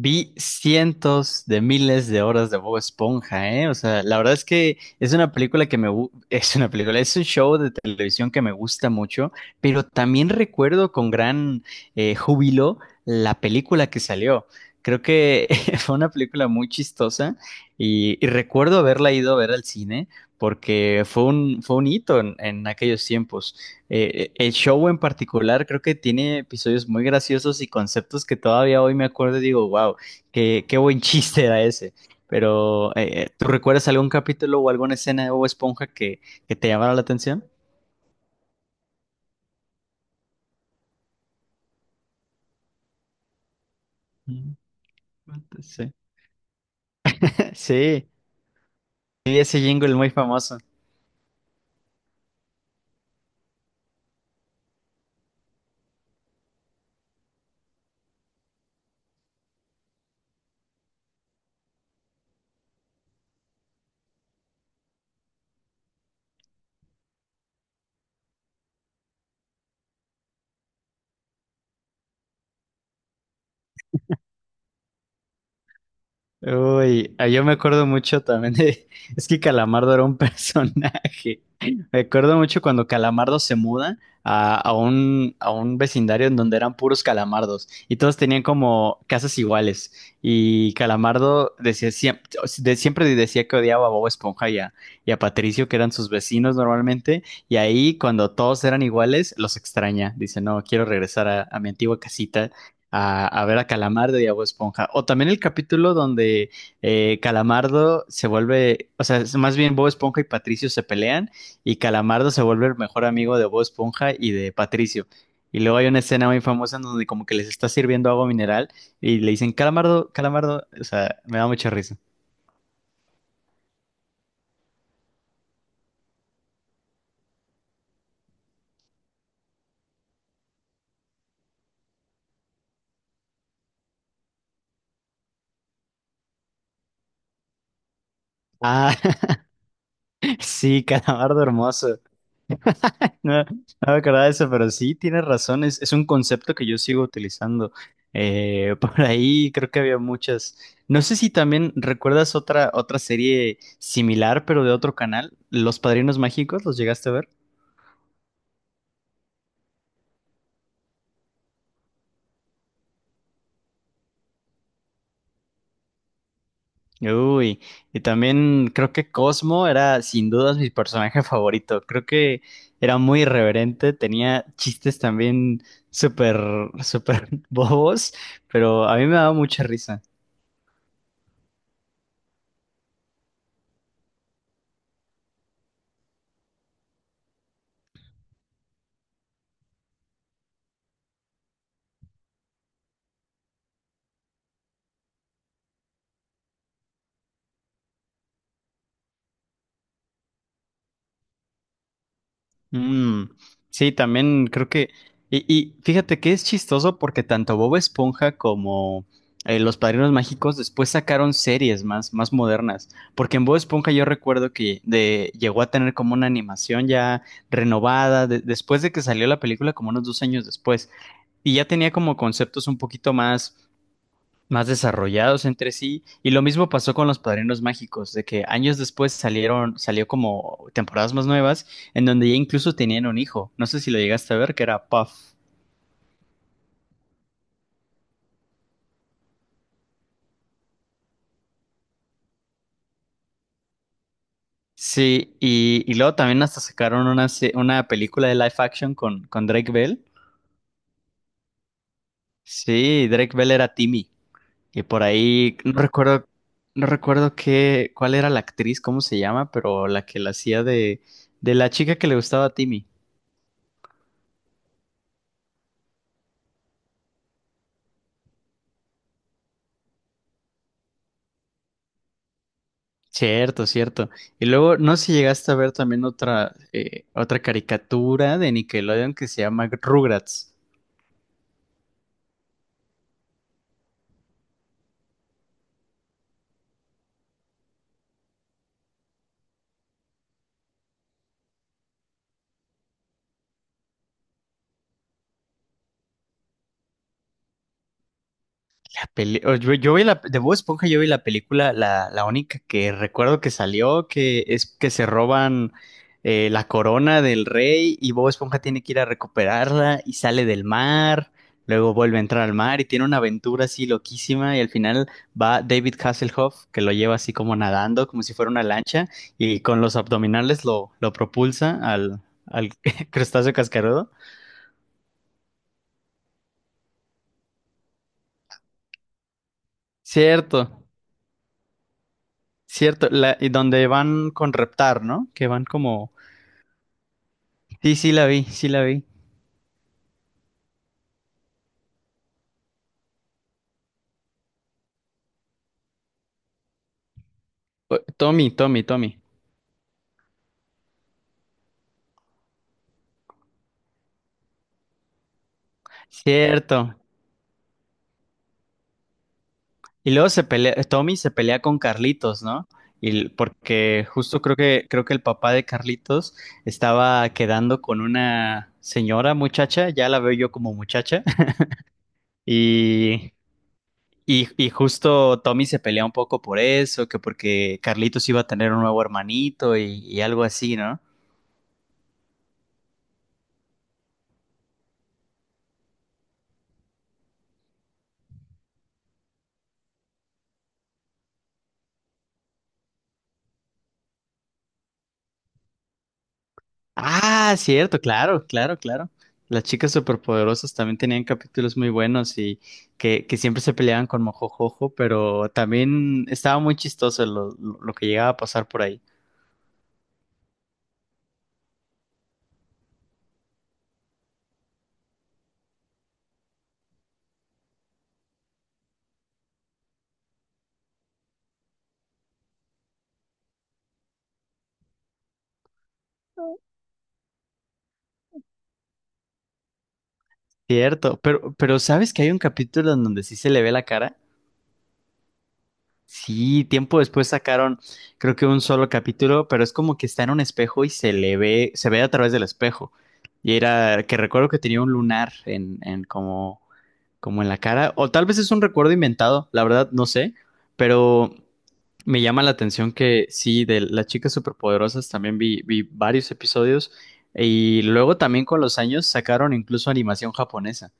Vi cientos de miles de horas de Bob Esponja, ¿eh? O sea, la verdad es que es una película que me... Es una película, es un show de televisión que me gusta mucho, pero también recuerdo con gran júbilo la película que salió. Creo que fue una película muy chistosa y recuerdo haberla ido a ver al cine porque fue un hito en aquellos tiempos. El show en particular creo que tiene episodios muy graciosos y conceptos que todavía hoy me acuerdo y digo, wow, qué buen chiste era ese. Pero, ¿tú recuerdas algún capítulo o alguna escena de Bob Esponja que te llamara la atención? Mm, sí. Sí, sí, ese jingle muy famoso. Uy, ah, yo me acuerdo mucho también de... Es que Calamardo era un personaje. Me acuerdo mucho cuando Calamardo se muda a un vecindario en donde eran puros calamardos y todos tenían como casas iguales. Y Calamardo decía, siempre decía que odiaba a Bob Esponja y a Patricio, que eran sus vecinos normalmente. Y ahí, cuando todos eran iguales, los extraña. Dice, no, quiero regresar a mi antigua casita a ver a Calamardo y a Bob Esponja. O también el capítulo donde o sea, es más bien Bob Esponja y Patricio se pelean y Calamardo se vuelve el mejor amigo de Bob Esponja y de Patricio. Y luego hay una escena muy famosa en donde como que les está sirviendo agua mineral y le dicen Calamardo, Calamardo, o sea, me da mucha risa. Ah, sí, Calamardo hermoso. No, no me acordaba de eso, pero sí tienes razón, es un concepto que yo sigo utilizando. Por ahí creo que había muchas. No sé si también recuerdas otra serie similar, pero de otro canal, Los Padrinos Mágicos, ¿los llegaste a ver? Uy, y también creo que Cosmo era sin dudas mi personaje favorito. Creo que era muy irreverente, tenía chistes también súper, súper bobos, pero a mí me daba mucha risa. Mm, sí, también creo que. Y fíjate que es chistoso porque tanto Bob Esponja como Los Padrinos Mágicos después sacaron series más, más modernas. Porque en Bob Esponja yo recuerdo llegó a tener como una animación ya renovada después de que salió la película, como unos dos años después. Y ya tenía como conceptos un poquito más más desarrollados entre sí. Y lo mismo pasó con los Padrinos Mágicos, de que años después salió como temporadas más nuevas, en donde ya incluso tenían un hijo. No sé si lo llegaste a ver, que era Puff. Sí, y luego también hasta sacaron una película de live action con Drake Bell. Sí, Drake Bell era Timmy. Y por ahí, no recuerdo, no recuerdo cuál era la actriz, cómo se llama, pero la que la hacía de la chica que le gustaba a Timmy. Cierto, cierto. Y luego, no sé si llegaste a ver también otra caricatura de Nickelodeon que se llama Rugrats. Yo vi la de Bob Esponja, yo vi la película, la única que recuerdo que salió, que es que se roban la corona del rey y Bob Esponja tiene que ir a recuperarla y sale del mar, luego vuelve a entrar al mar y tiene una aventura así loquísima y al final va David Hasselhoff que lo lleva así como nadando, como si fuera una lancha y con los abdominales lo propulsa al crustáceo cascarudo. Cierto, cierto, y donde van con reptar, ¿no? Que van como sí, sí la vi, sí la vi. Tommy, Tommy, Tommy. Cierto. Y luego se pelea, Tommy se pelea con Carlitos, ¿no? Porque justo creo que el papá de Carlitos estaba quedando con una señora muchacha, ya la veo yo como muchacha, y, y justo Tommy se pelea un poco por eso, que porque Carlitos iba a tener un nuevo hermanito y algo así, ¿no? Ah, cierto, claro, claro, claro. Las chicas superpoderosas también tenían capítulos muy buenos y que siempre se peleaban con Mojojojo, pero también estaba muy chistoso lo que llegaba a pasar por ahí. Cierto, pero ¿sabes que hay un capítulo en donde sí se le ve la cara? Sí, tiempo después sacaron, creo que un solo capítulo, pero es como que está en un espejo y se le ve, se ve a través del espejo. Y era que recuerdo que tenía un lunar en como como en la cara, o tal vez es un recuerdo inventado, la verdad no sé, pero me llama la atención que sí, de las chicas superpoderosas también vi, vi varios episodios y luego también con los años sacaron incluso animación japonesa.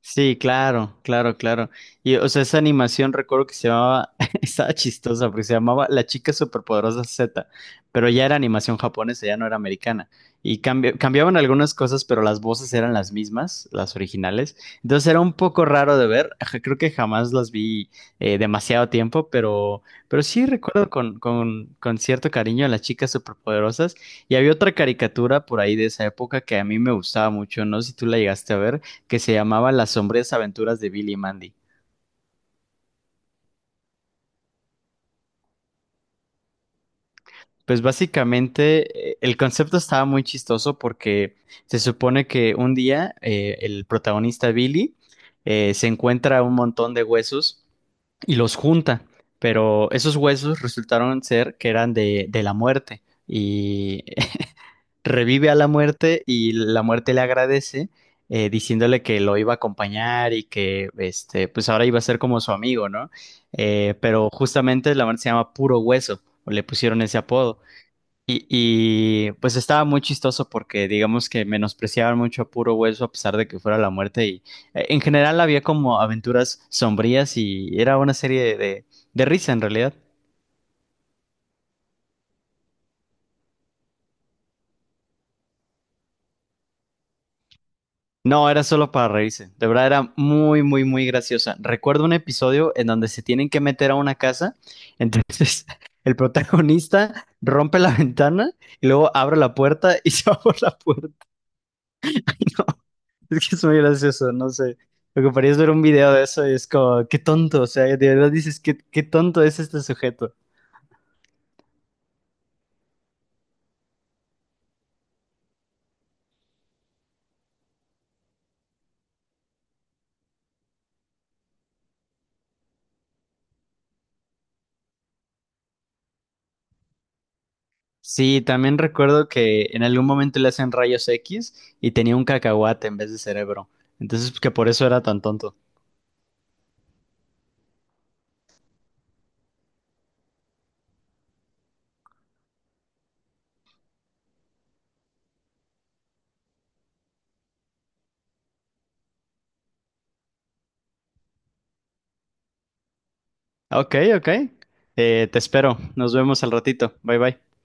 Sí, claro, claro, claro. Y o sea, esa animación recuerdo que se llamaba, estaba chistosa porque se llamaba La chica superpoderosa Z, pero ya era animación japonesa, ya no era americana. Y cambiaban algunas cosas, pero las voces eran las mismas, las originales. Entonces era un poco raro de ver. Creo que jamás las vi demasiado tiempo, pero sí recuerdo con cierto cariño a las chicas superpoderosas. Y había otra caricatura por ahí de esa época que a mí me gustaba mucho, no sé si tú la llegaste a ver que se llamaba Las sombrías aventuras de Billy y Mandy. Pues básicamente el concepto estaba muy chistoso porque se supone que un día el protagonista Billy se encuentra un montón de huesos y los junta, pero esos huesos resultaron ser que eran de la muerte. Y revive a la muerte y la muerte le agradece diciéndole que lo iba a acompañar y que este, pues ahora iba a ser como su amigo, ¿no? Pero justamente la muerte se llama Puro Hueso, o le pusieron ese apodo. Pues estaba muy chistoso porque digamos que menospreciaban mucho a Puro Hueso a pesar de que fuera la muerte y en general había como aventuras sombrías y era una serie de risa en realidad. No, era solo para reírse. De verdad era muy, muy, muy graciosa. Recuerdo un episodio en donde se tienen que meter a una casa. Entonces, el protagonista rompe la ventana y luego abre la puerta y se va por la puerta. Ay, no, es que es muy gracioso, no sé. Lo que parece es ver un video de eso y es como, qué tonto. O sea, de verdad dices, qué tonto es este sujeto. Sí, también recuerdo que en algún momento le hacen rayos X y tenía un cacahuate en vez de cerebro. Entonces, que por eso era tan tonto. Ok, ok. Te espero. Nos vemos al ratito. Bye bye.